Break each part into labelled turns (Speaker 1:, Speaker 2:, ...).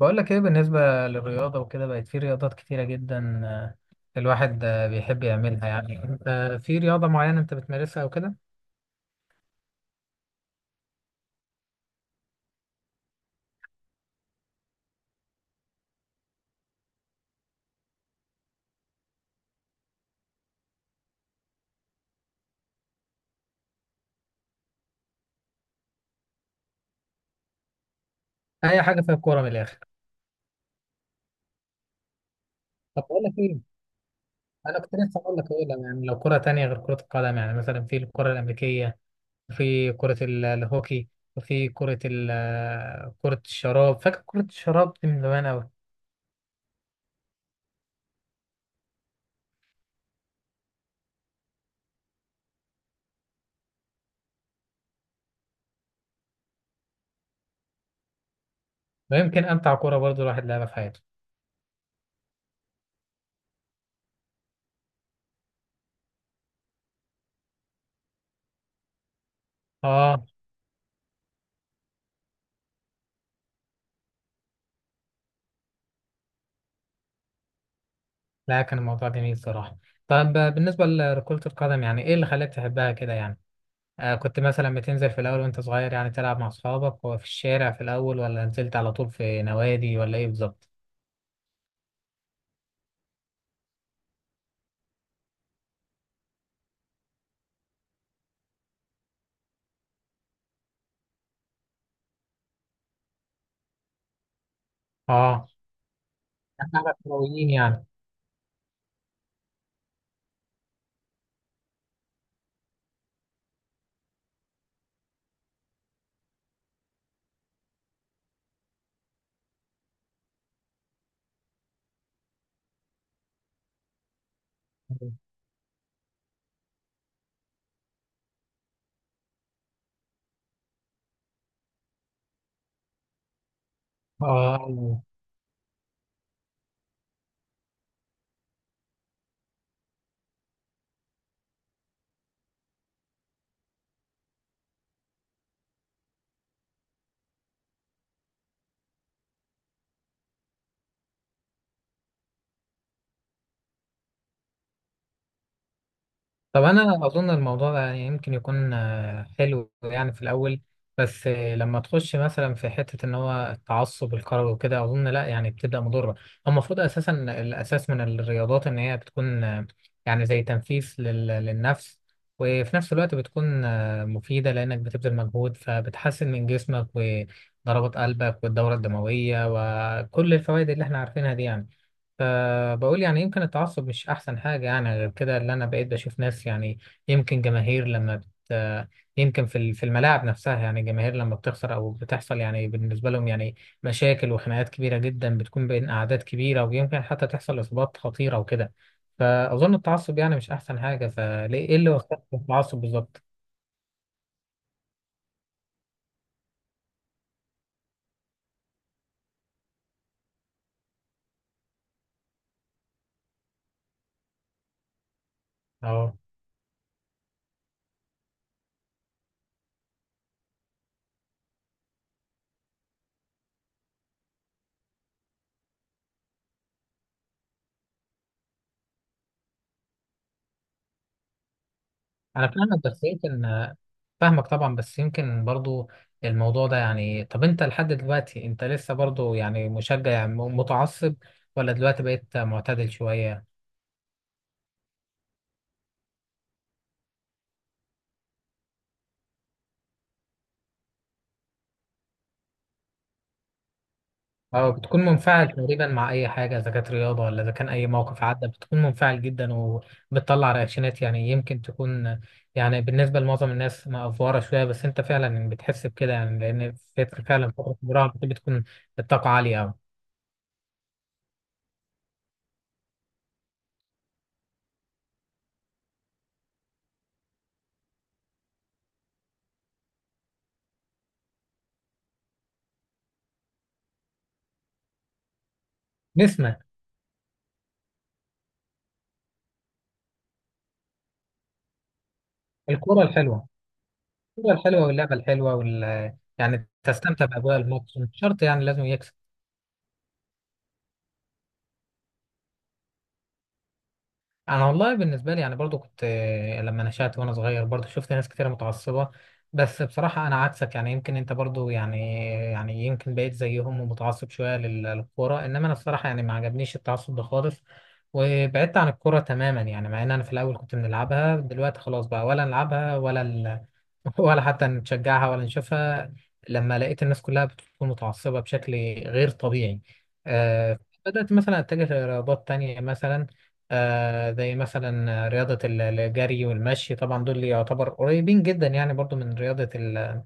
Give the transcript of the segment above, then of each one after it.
Speaker 1: بقول لك ايه بالنسبة للرياضة وكده، بقت في رياضات كتيرة جدا، الواحد بيحب يعملها. يعني انت في رياضة معينة انت بتمارسها او كده؟ اي حاجة فيها كورة من الاخر. طب بقول لك ايه، انا كنت لسه هقول لك ايه. يعني لو كرة تانية غير كرة القدم، يعني مثلا في الكرة الامريكية، وفي كرة الهوكي، وفي كرة كرة الشراب. فاكر كرة الشراب دي من زمان قوي؟ ويمكن امتع كرة برضو الواحد لعبها في حياته. اه. لا، كان الموضوع جميل صراحة. طب، بالنسبة لكرة القدم يعني ايه اللي خلاك تحبها كده يعني؟ كنت مثلا بتنزل في الأول وأنت صغير، يعني تلعب مع أصحابك وفي الشارع في الأول، ولا نزلت على طول في نوادي، ولا إيه بالظبط؟ آه. إحنا كرويين يعني. آه طب انا اظن الموضوع ده يمكن يكون حلو يعني في الاول. بس لما تخش مثلا في حته ان هو التعصب الكروي وكده، اظن لا، يعني بتبدا مضره. هو المفروض اساسا الاساس من الرياضات ان هي بتكون، يعني، زي تنفيس للنفس. وفي نفس الوقت بتكون مفيده لانك بتبذل مجهود فبتحسن من جسمك وضربات قلبك والدوره الدمويه، وكل الفوائد اللي احنا عارفينها دي يعني. فبقول يعني يمكن التعصب مش أحسن حاجة، يعني غير كده اللي أنا بقيت بشوف ناس، يعني يمكن جماهير لما يمكن في الملاعب نفسها، يعني الجماهير لما بتخسر أو بتحصل، يعني بالنسبة لهم يعني مشاكل وخناقات كبيرة جدا بتكون بين أعداد كبيرة، ويمكن حتى تحصل إصابات خطيرة وكده. فأظن التعصب يعني مش أحسن حاجة. فليه، إيه اللي وصلك التعصب بالظبط؟ انا فاهمك بس يمكن فاهمك طبعا، بس يمكن برضو الموضوع ده يعني. طب انت لحد دلوقتي انت لسه برضو يعني مشجع، يعني متعصب، ولا دلوقتي بقيت معتدل شوية؟ اه، بتكون منفعل تقريبا مع اي حاجة، اذا كانت رياضة ولا اذا كان اي موقف عدى بتكون منفعل جدا، وبتطلع رياكشنات، يعني يمكن تكون يعني بالنسبة لمعظم الناس مأفورة شوية. بس انت فعلا بتحس بكده، يعني لان فعلا فترة الجراحة بتكون الطاقة عالية اوي. نسمة. الكرة الحلوة. الكورة الحلوة واللعبة الحلوة يعني تستمتع بأجواء الماتش، مش شرط يعني لازم يكسب. انا والله بالنسبه لي يعني برضو كنت، لما نشأت وانا صغير برضو شفت ناس كتير متعصبه. بس بصراحه انا عكسك، يعني يمكن انت برضو يعني يمكن بقيت زيهم ومتعصب شويه للكوره. انما انا الصراحه يعني ما عجبنيش التعصب ده خالص، وبعدت عن الكوره تماما، يعني مع ان انا في الاول كنت بنلعبها. دلوقتي خلاص بقى، ولا نلعبها ولا ولا حتى نشجعها ولا نشوفها، لما لقيت الناس كلها بتكون متعصبه بشكل غير طبيعي. آه، بدأت مثلا أتجه لرياضات تانية، مثلا زي مثلا رياضة الجري والمشي. طبعا دول اللي يعتبر قريبين جدا يعني برضو من رياضة ال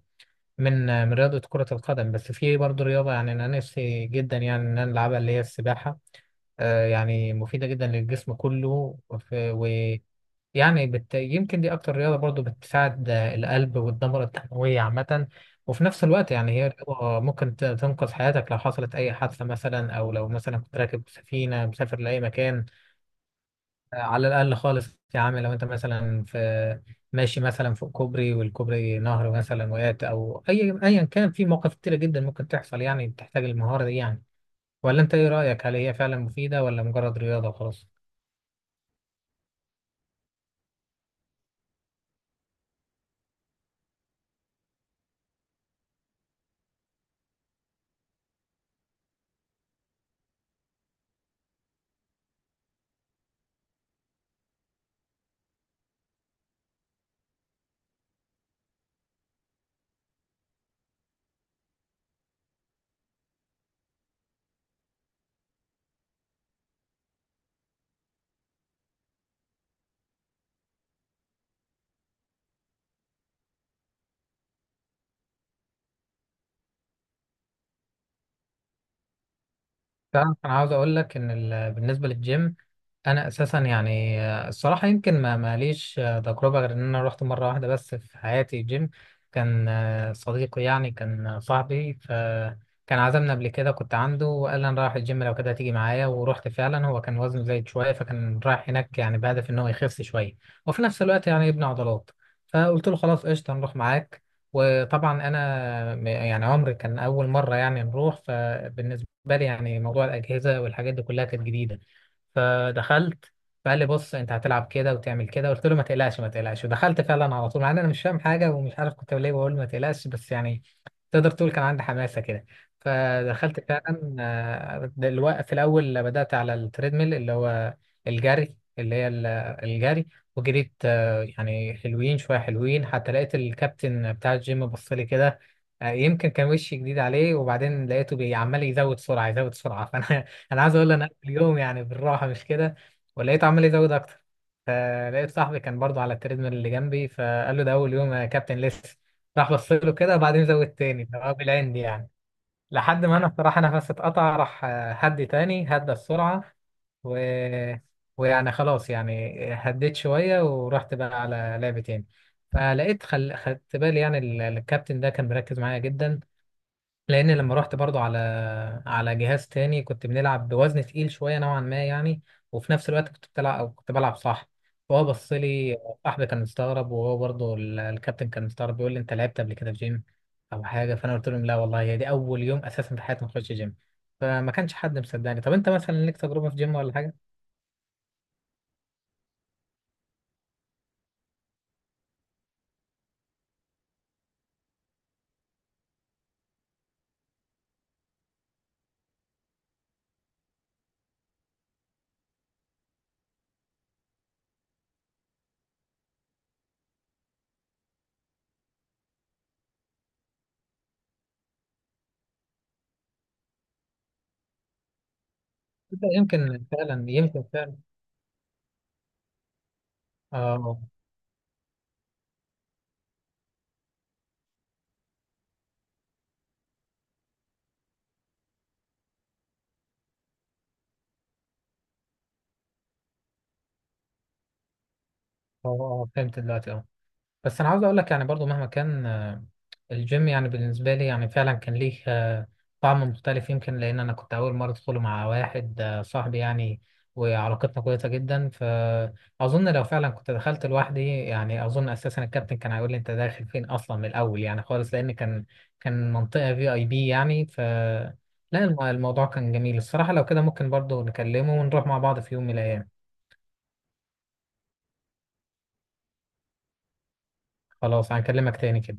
Speaker 1: من آه، من رياضة كرة القدم. بس في برضو رياضة يعني أنا نفسي جدا يعني إن أنا ألعبها، اللي هي السباحة. يعني مفيدة جدا للجسم كله، ويعني يمكن دي أكتر رياضة برضو بتساعد القلب والدورة الدموية عامة. وفي نفس الوقت يعني هي رياضة ممكن تنقذ حياتك لو حصلت أي حادثة مثلا، أو لو مثلا كنت راكب سفينة مسافر لأي مكان. على الأقل خالص يا عم، لو أنت مثلا ماشي مثلا فوق كوبري والكوبري نهر مثلا وقعت، أو أيا كان، في مواقف كتيرة جدا ممكن تحصل يعني بتحتاج المهارة دي يعني. ولا أنت إيه رأيك؟ هل هي فعلا مفيدة، ولا مجرد رياضة وخلاص؟ تعرف، انا عاوز اقول لك ان بالنسبه للجيم، انا اساسا يعني الصراحه يمكن ما ماليش تجربه غير ان انا رحت مره واحده بس في حياتي جيم. كان صديقي يعني، كان صاحبي، فكان عزمنا قبل كده. كنت عنده وقال لي انا رايح الجيم، لو كده تيجي معايا. ورحت فعلا. هو كان وزنه زايد شويه، فكان رايح هناك يعني بهدف ان هو يخس شويه، وفي نفس الوقت يعني يبني عضلات. فقلت له خلاص قشطه نروح معاك. وطبعا انا يعني عمري كان اول مره يعني نروح، فبالنسبه بالي يعني موضوع الأجهزة والحاجات دي كلها كانت جديدة. فدخلت. فقال لي بص أنت هتلعب كده وتعمل كده. قلت له ما تقلقش ما تقلقش، ودخلت فعلا على طول، مع إن أنا مش فاهم حاجة ومش عارف كنت ليه بقول ما تقلقش، بس يعني تقدر تقول كان عندي حماسة كده. فدخلت فعلا. دلوقتي في الأول بدأت على التريدميل اللي هو الجري، اللي هي الجري. وجريت، يعني حلوين شوية حلوين، حتى لقيت الكابتن بتاع الجيم بص لي كده. يمكن كان وشي جديد عليه، وبعدين لقيته عمال يزود سرعة يزود سرعة. فأنا عايز أقول له أنا قبل اليوم يعني بالراحة مش كده. ولقيته عمال يزود أكتر. فلقيت صاحبي كان برضه على التريدميل اللي جنبي، فقال له ده أول يوم يا كابتن لسه. راح بص له كده، وبعدين زود تاني اللي هو بالعند يعني. لحد ما انا بصراحه نفسي اتقطع، راح هدي تاني هدى السرعه و... ويعني خلاص يعني هديت شويه، ورحت بقى على لعبه تاني. فلقيت خدت بالي يعني الكابتن ده كان مركز معايا جدا، لان لما رحت برضو على جهاز تاني كنت بنلعب بوزن تقيل شويه نوعا ما يعني. وفي نفس الوقت كنت بتلعب او كنت بلعب صح. فهو بص لي. صاحبي كان مستغرب، وهو برضو الكابتن كان مستغرب، بيقول لي انت لعبت قبل كده في جيم او حاجه. فانا قلت لهم لا والله، هي دي اول يوم اساسا في حياتي ما اخش جيم. فما كانش حد مصدقني. طب انت مثلا ليك تجربه في جيم ولا حاجه؟ انت يمكن فعلا. اه. فهمت دلوقتي. اه. بس انا عاوز اقول لك يعني برضو مهما كان، الجيم يعني بالنسبه لي يعني فعلا كان ليه طعم مختلف، يمكن لان انا كنت اول مره ادخله مع واحد صاحبي يعني، وعلاقتنا كويسه جدا. فاظن لو فعلا كنت دخلت لوحدي، يعني اظن اساسا الكابتن كان هيقول لي انت داخل فين اصلا من الاول يعني خالص، لان كان منطقه في اي بي يعني لا، الموضوع كان جميل الصراحه. لو كده ممكن برضو نكلمه ونروح مع بعض في يوم من الايام. خلاص هنكلمك تاني كده.